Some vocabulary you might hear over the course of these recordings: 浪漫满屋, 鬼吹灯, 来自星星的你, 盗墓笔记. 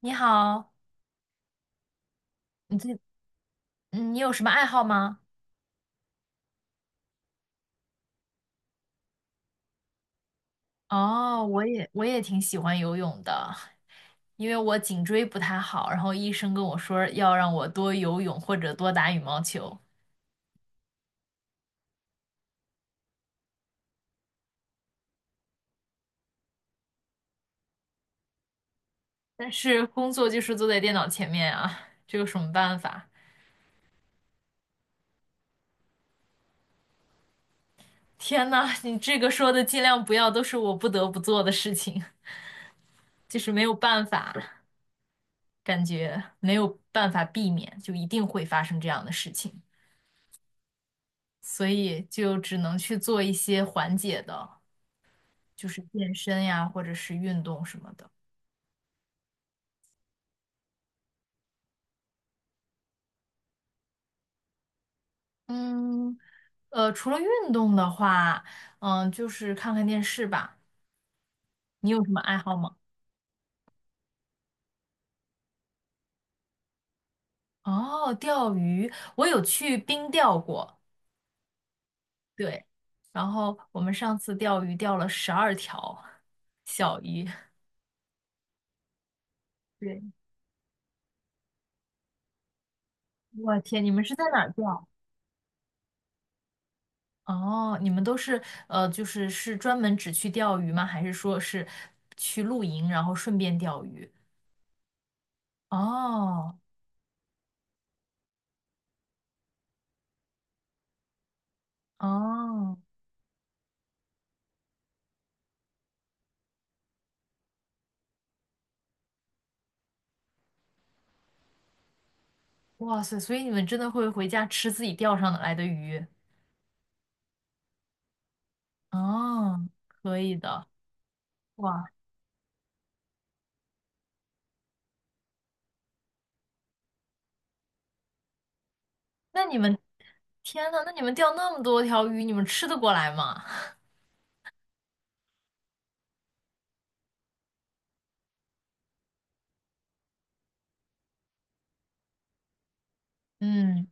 你好，你最，你有什么爱好吗？哦，我也挺喜欢游泳的，因为我颈椎不太好，然后医生跟我说要让我多游泳或者多打羽毛球，但是工作就是坐在电脑前面啊，这有什么办法？天呐，你这个说的尽量不要，都是我不得不做的事情，就是没有办法，感觉没有办法避免，就一定会发生这样的事情，所以就只能去做一些缓解的。就是健身呀，或者是运动什么的。嗯，除了运动的话，就是看看电视吧。你有什么爱好吗？哦，钓鱼，我有去冰钓过。对。然后我们上次钓鱼钓了12条小鱼。对，我天，你们是在哪儿钓？哦，你们都是就是是专门只去钓鱼吗？还是说是去露营，然后顺便钓鱼？哦哦，哇塞，所以你们真的会回家吃自己钓上来的鱼？哦，可以的。哇，那你们，天呐，那你们钓那么多条鱼，你们吃得过来吗？嗯，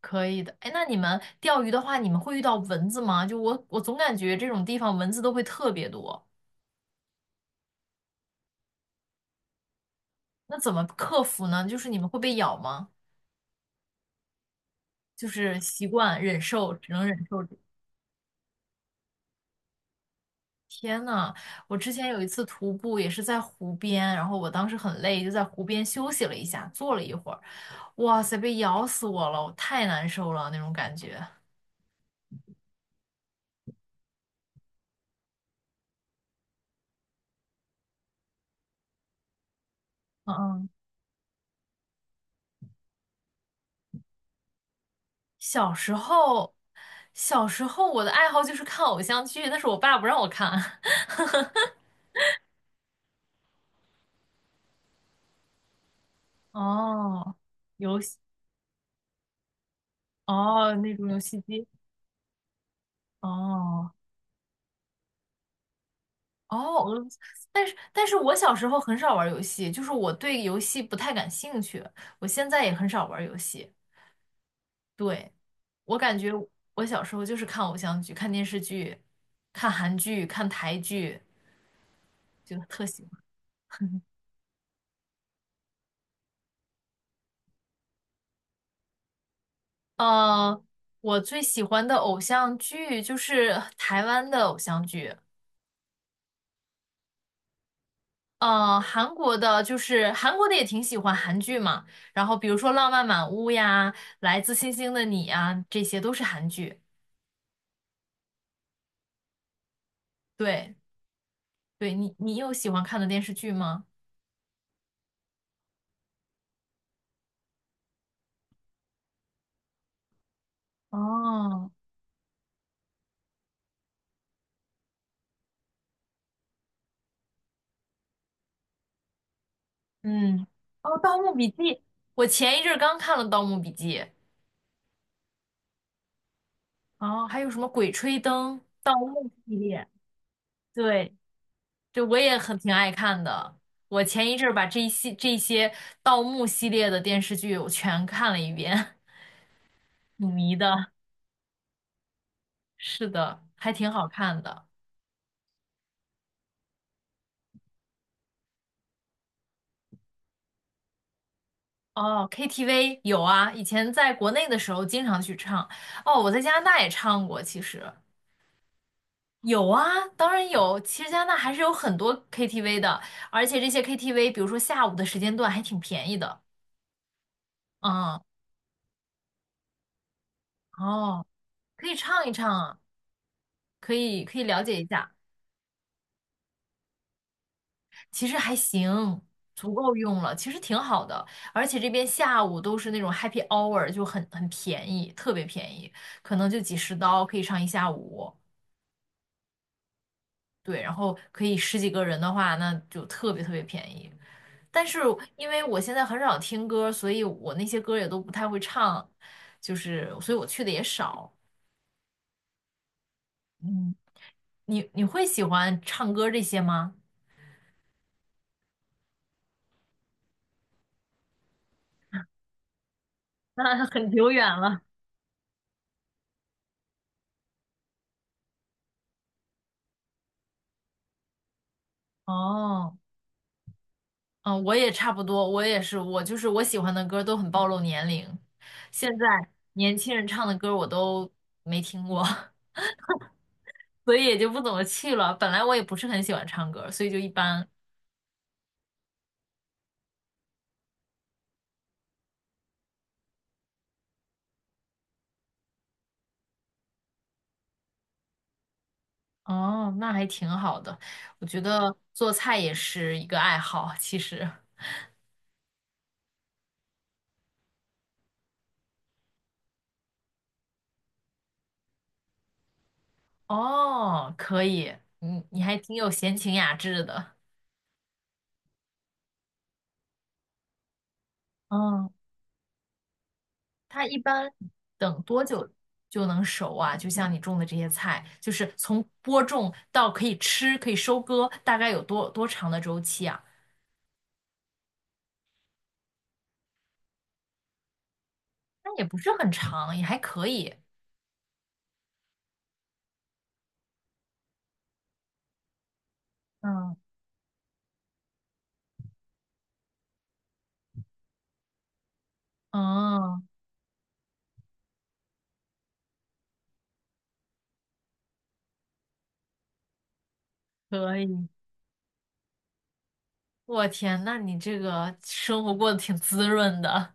可以的。哎，那你们钓鱼的话，你们会遇到蚊子吗？就我总感觉这种地方蚊子都会特别多。那怎么克服呢？就是你们会被咬吗？就是习惯忍受，只能忍受。天呐，我之前有一次徒步也是在湖边，然后我当时很累，就在湖边休息了一下，坐了一会儿，哇塞，被咬死我了，我太难受了那种感觉。嗯嗯，小时候，小时候我的爱好就是看偶像剧，但是我爸不让我看。哦，游戏，哦，那种游戏机，哦哦，但是我小时候很少玩游戏，就是我对游戏不太感兴趣，我现在也很少玩游戏。对，我感觉我小时候就是看偶像剧、看电视剧、看韩剧、看台剧，就特喜欢。呃，我最喜欢的偶像剧就是台湾的偶像剧，韩国的就是韩国的也挺喜欢韩剧嘛。然后比如说《浪漫满屋》呀，《来自星星的你》啊，这些都是韩剧。对，对你有喜欢看的电视剧吗？哦。嗯，哦，《盗墓笔记》，我前一阵儿刚看了《盗墓笔记》，哦，还有什么《鬼吹灯》《盗墓》系列，对，对，我也很挺爱看的。我前一阵儿把这些盗墓系列的电视剧我全看了一遍，挺迷的。是的，还挺好看的。哦，KTV 有啊，以前在国内的时候经常去唱。哦，我在加拿大也唱过，其实。有啊，当然有。其实加拿大还是有很多 KTV 的，而且这些 KTV,比如说下午的时间段还挺便宜的。嗯，哦，可以唱一唱啊，可以了解一下，其实还行，足够用了，其实挺好的。而且这边下午都是那种 happy hour,就很便宜，特别便宜，可能就几十刀可以唱一下午。对，然后可以十几个人的话，那就特别特别便宜。但是因为我现在很少听歌，所以我那些歌也都不太会唱，就是所以我去的也少。嗯，你会喜欢唱歌这些吗？那很久远了。哦，嗯，我也差不多，我也是，我就是我喜欢的歌都很暴露年龄，现在年轻人唱的歌我都没听过，所以也就不怎么去了。本来我也不是很喜欢唱歌，所以就一般。哦，那还挺好的。我觉得做菜也是一个爱好，其实。哦，可以，你还挺有闲情雅致的。嗯，它一般等多久就能熟啊？就像你种的这些菜，就是从播种到可以吃、可以收割，大概有多长的周期啊？那也不是很长，也还可以。嗯，哦，可以。我天，那你这个生活过得挺滋润的。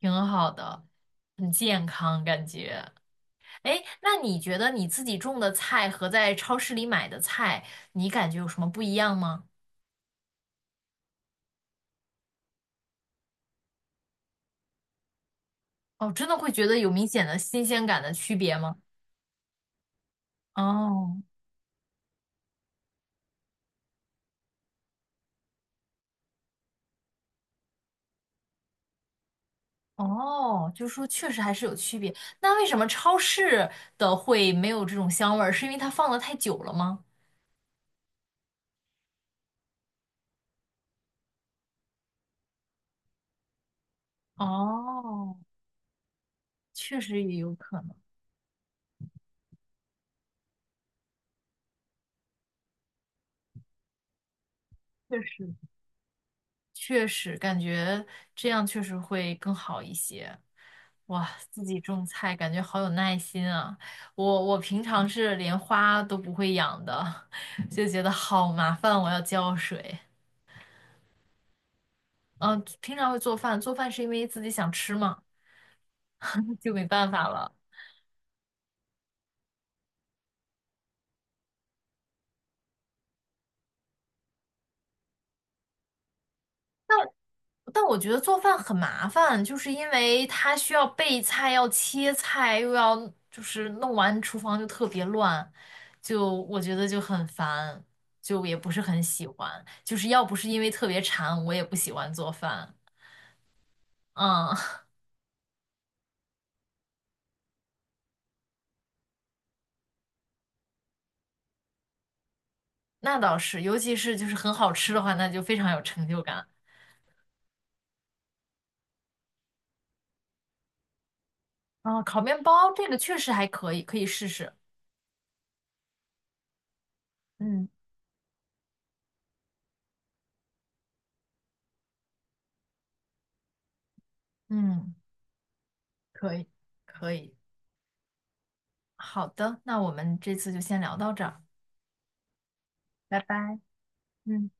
挺好的，很健康感觉。哎，那你觉得你自己种的菜和在超市里买的菜，你感觉有什么不一样吗？哦，真的会觉得有明显的新鲜感的区别吗？哦哦，就是说确实还是有区别。那为什么超市的会没有这种香味儿？是因为它放的太久了吗？哦，确实也有可能，确实。确实感觉这样确实会更好一些。哇，自己种菜感觉好有耐心啊！我平常是连花都不会养的，就觉得好麻烦，我要浇水。嗯，平常会做饭，做饭是因为自己想吃嘛，就没办法了。但我觉得做饭很麻烦，就是因为它需要备菜，要切菜，又要就是弄完厨房就特别乱，就我觉得就很烦，就也不是很喜欢。就是要不是因为特别馋，我也不喜欢做饭。嗯，那倒是，尤其是就是很好吃的话，那就非常有成就感。啊，烤面包这个确实还可以，可以试试。嗯嗯，可以可以。好的，那我们这次就先聊到这儿，拜拜。嗯。